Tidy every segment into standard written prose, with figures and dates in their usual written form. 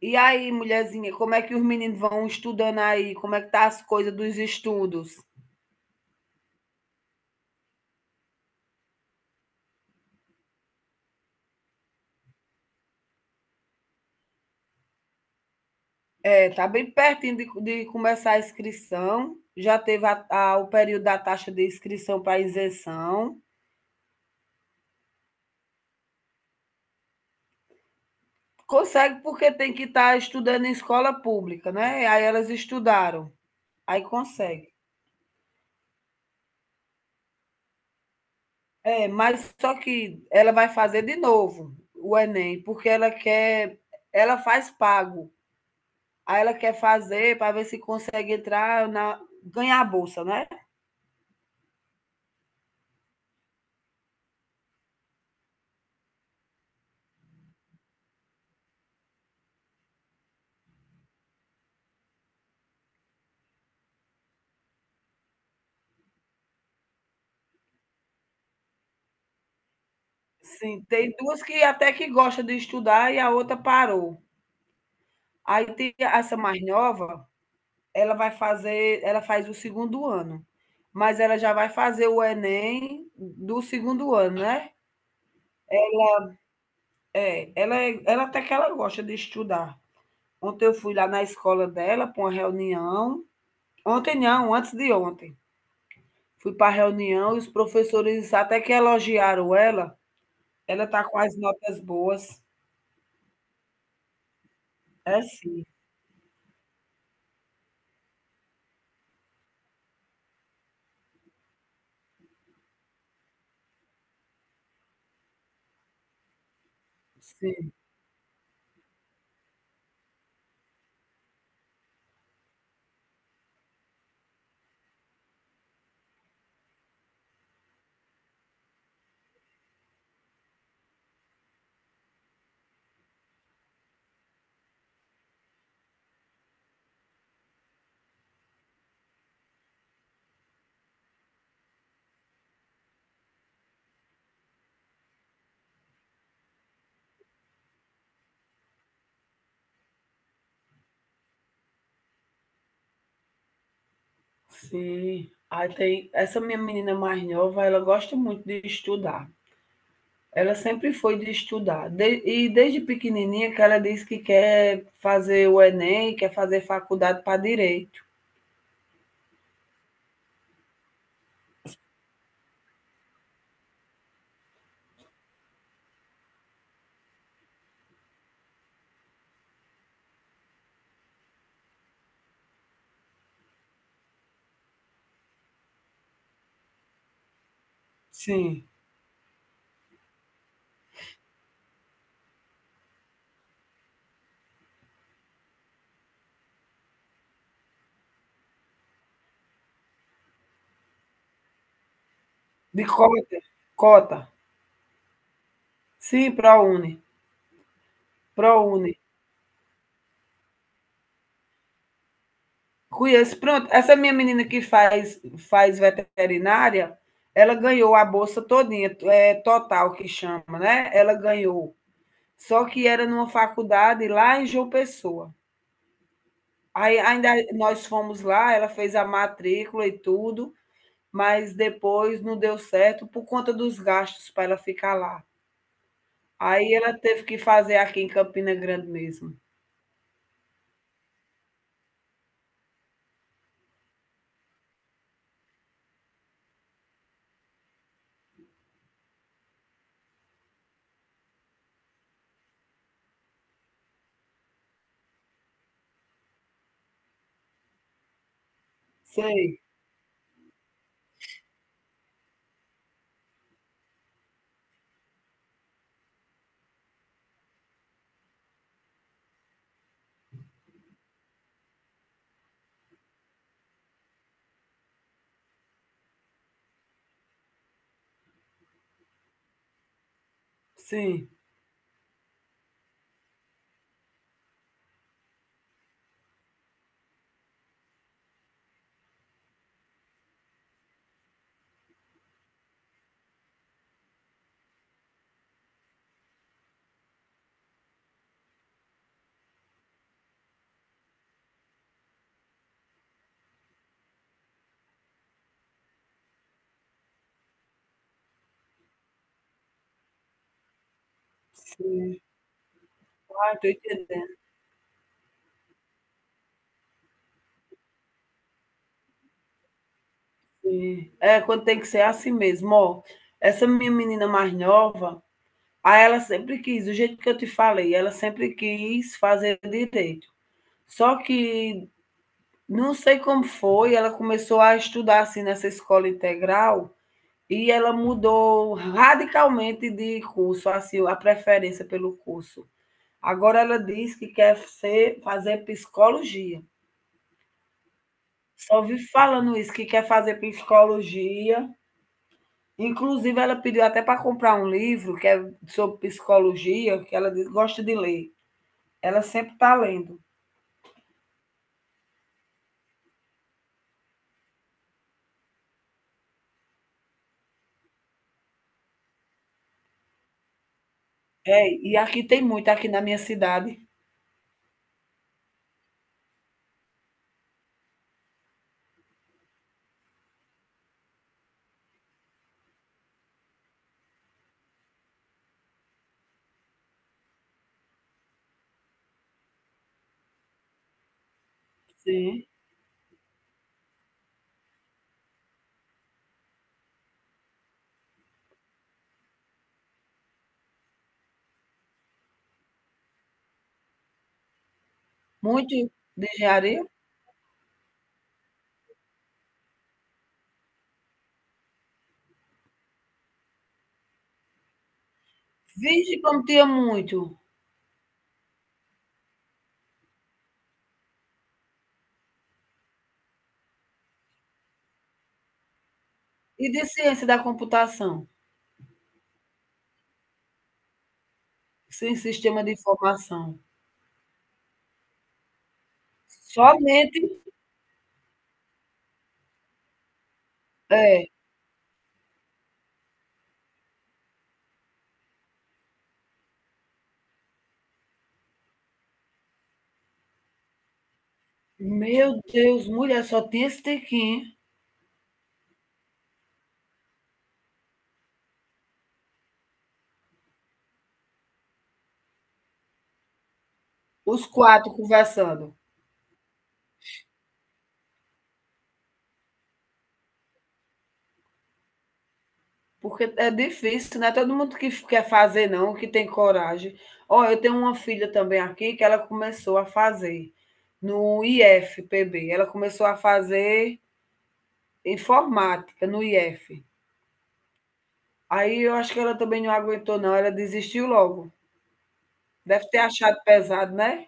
E aí, mulherzinha, como é que os meninos vão estudando aí? Como é que tá as coisas dos estudos? É, tá bem pertinho de começar a inscrição. Já teve o período da taxa de inscrição para isenção. Consegue porque tem que estar estudando em escola pública, né? Aí elas estudaram, aí consegue. É, mas só que ela vai fazer de novo o Enem, porque ela quer, ela faz pago. Aí ela quer fazer para ver se consegue entrar na, ganhar a bolsa, né? Sim, tem duas que até que gosta de estudar e a outra parou. Aí tem essa mais nova, ela faz o segundo ano, mas ela já vai fazer o Enem do segundo ano, né. É, ela até que ela gosta de estudar. Ontem eu fui lá na escola dela para uma reunião, ontem não, antes de ontem. Fui pra reunião e os professores até que elogiaram ela, ela está com as notas boas. É, sim, sim. Sim. Aí tem essa minha menina mais nova, ela gosta muito de estudar. Ela sempre foi de estudar. E desde pequenininha que ela diz que quer fazer o Enem, quer fazer faculdade para direito. Sim. De cota. Cota. Sim, ProUni. ProUni. Conheço. Pronto, essa minha menina que faz veterinária, ela ganhou a bolsa todinha, é total que chama, né? Ela ganhou. Só que era numa faculdade lá em João Pessoa. Aí ainda nós fomos lá, ela fez a matrícula e tudo, mas depois não deu certo por conta dos gastos para ela ficar lá. Aí ela teve que fazer aqui em Campina Grande mesmo. Sei, sim, sim. Ah, tô entendendo, sim. É, quando tem que ser assim mesmo, ó, essa minha menina mais nova, aí ela sempre quis, do jeito que eu te falei, ela sempre quis fazer direito. Só que, não sei como foi, ela começou a estudar assim nessa escola integral e ela mudou radicalmente de curso, assim, a preferência pelo curso. Agora ela diz que quer ser, fazer psicologia. Só vi falando isso, que quer fazer psicologia. Inclusive, ela pediu até para comprar um livro que é sobre psicologia, que ela diz- gosta de ler. Ela sempre está lendo. É, e aqui tem muito, aqui na minha cidade. Sim. Muito de engenharia. Vixe, como tinha muito. E de ciência da computação? Sem sistema de informação. Somente é. Meu Deus, mulher, só tinha esse tequinho, os quatro conversando, porque é difícil, não é todo mundo que quer fazer não, que tem coragem. Olha, eu tenho uma filha também aqui que ela começou a fazer no IFPB, ela começou a fazer informática no IF. Aí eu acho que ela também não aguentou não, ela desistiu logo. Deve ter achado pesado, né?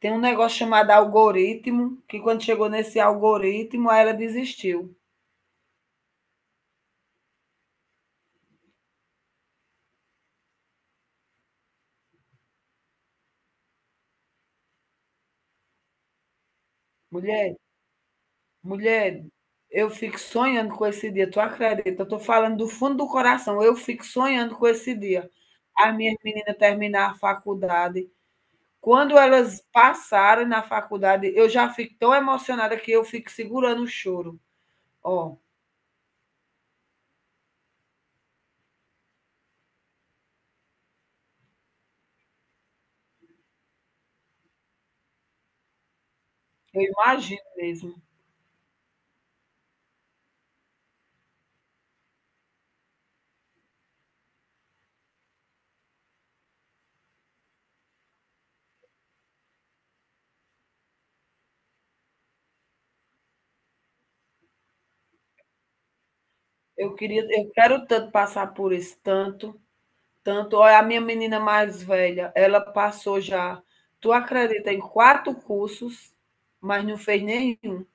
Tem um negócio chamado algoritmo, que quando chegou nesse algoritmo, aí ela desistiu. Mulher, mulher, eu fico sonhando com esse dia, tu acredita? Eu tô falando do fundo do coração, eu fico sonhando com esse dia. As minhas meninas terminar a faculdade. Quando elas passaram na faculdade, eu já fico tão emocionada que eu fico segurando o choro. Ó, eu imagino mesmo. Eu queria, eu quero tanto passar por isso, tanto. Tanto, olha, a minha menina mais velha, ela passou já, tu acredita, em 4 cursos, mas não fez nenhum.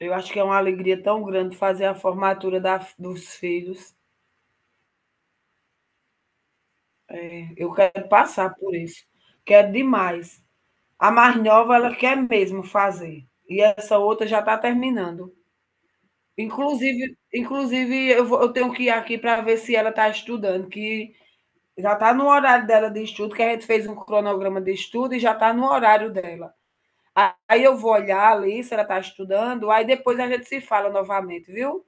Eu acho que é uma alegria tão grande fazer a formatura da dos filhos. Eh, eu quero passar por isso, quero demais. A mais nova, ela quer mesmo fazer, e essa outra já está terminando. Inclusive, eu tenho que ir aqui para ver se ela está estudando, que já está no horário dela de estudo, que a gente fez um cronograma de estudo e já está no horário dela. Aí eu vou olhar ali se ela está estudando, aí depois a gente se fala novamente, viu?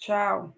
Tchau.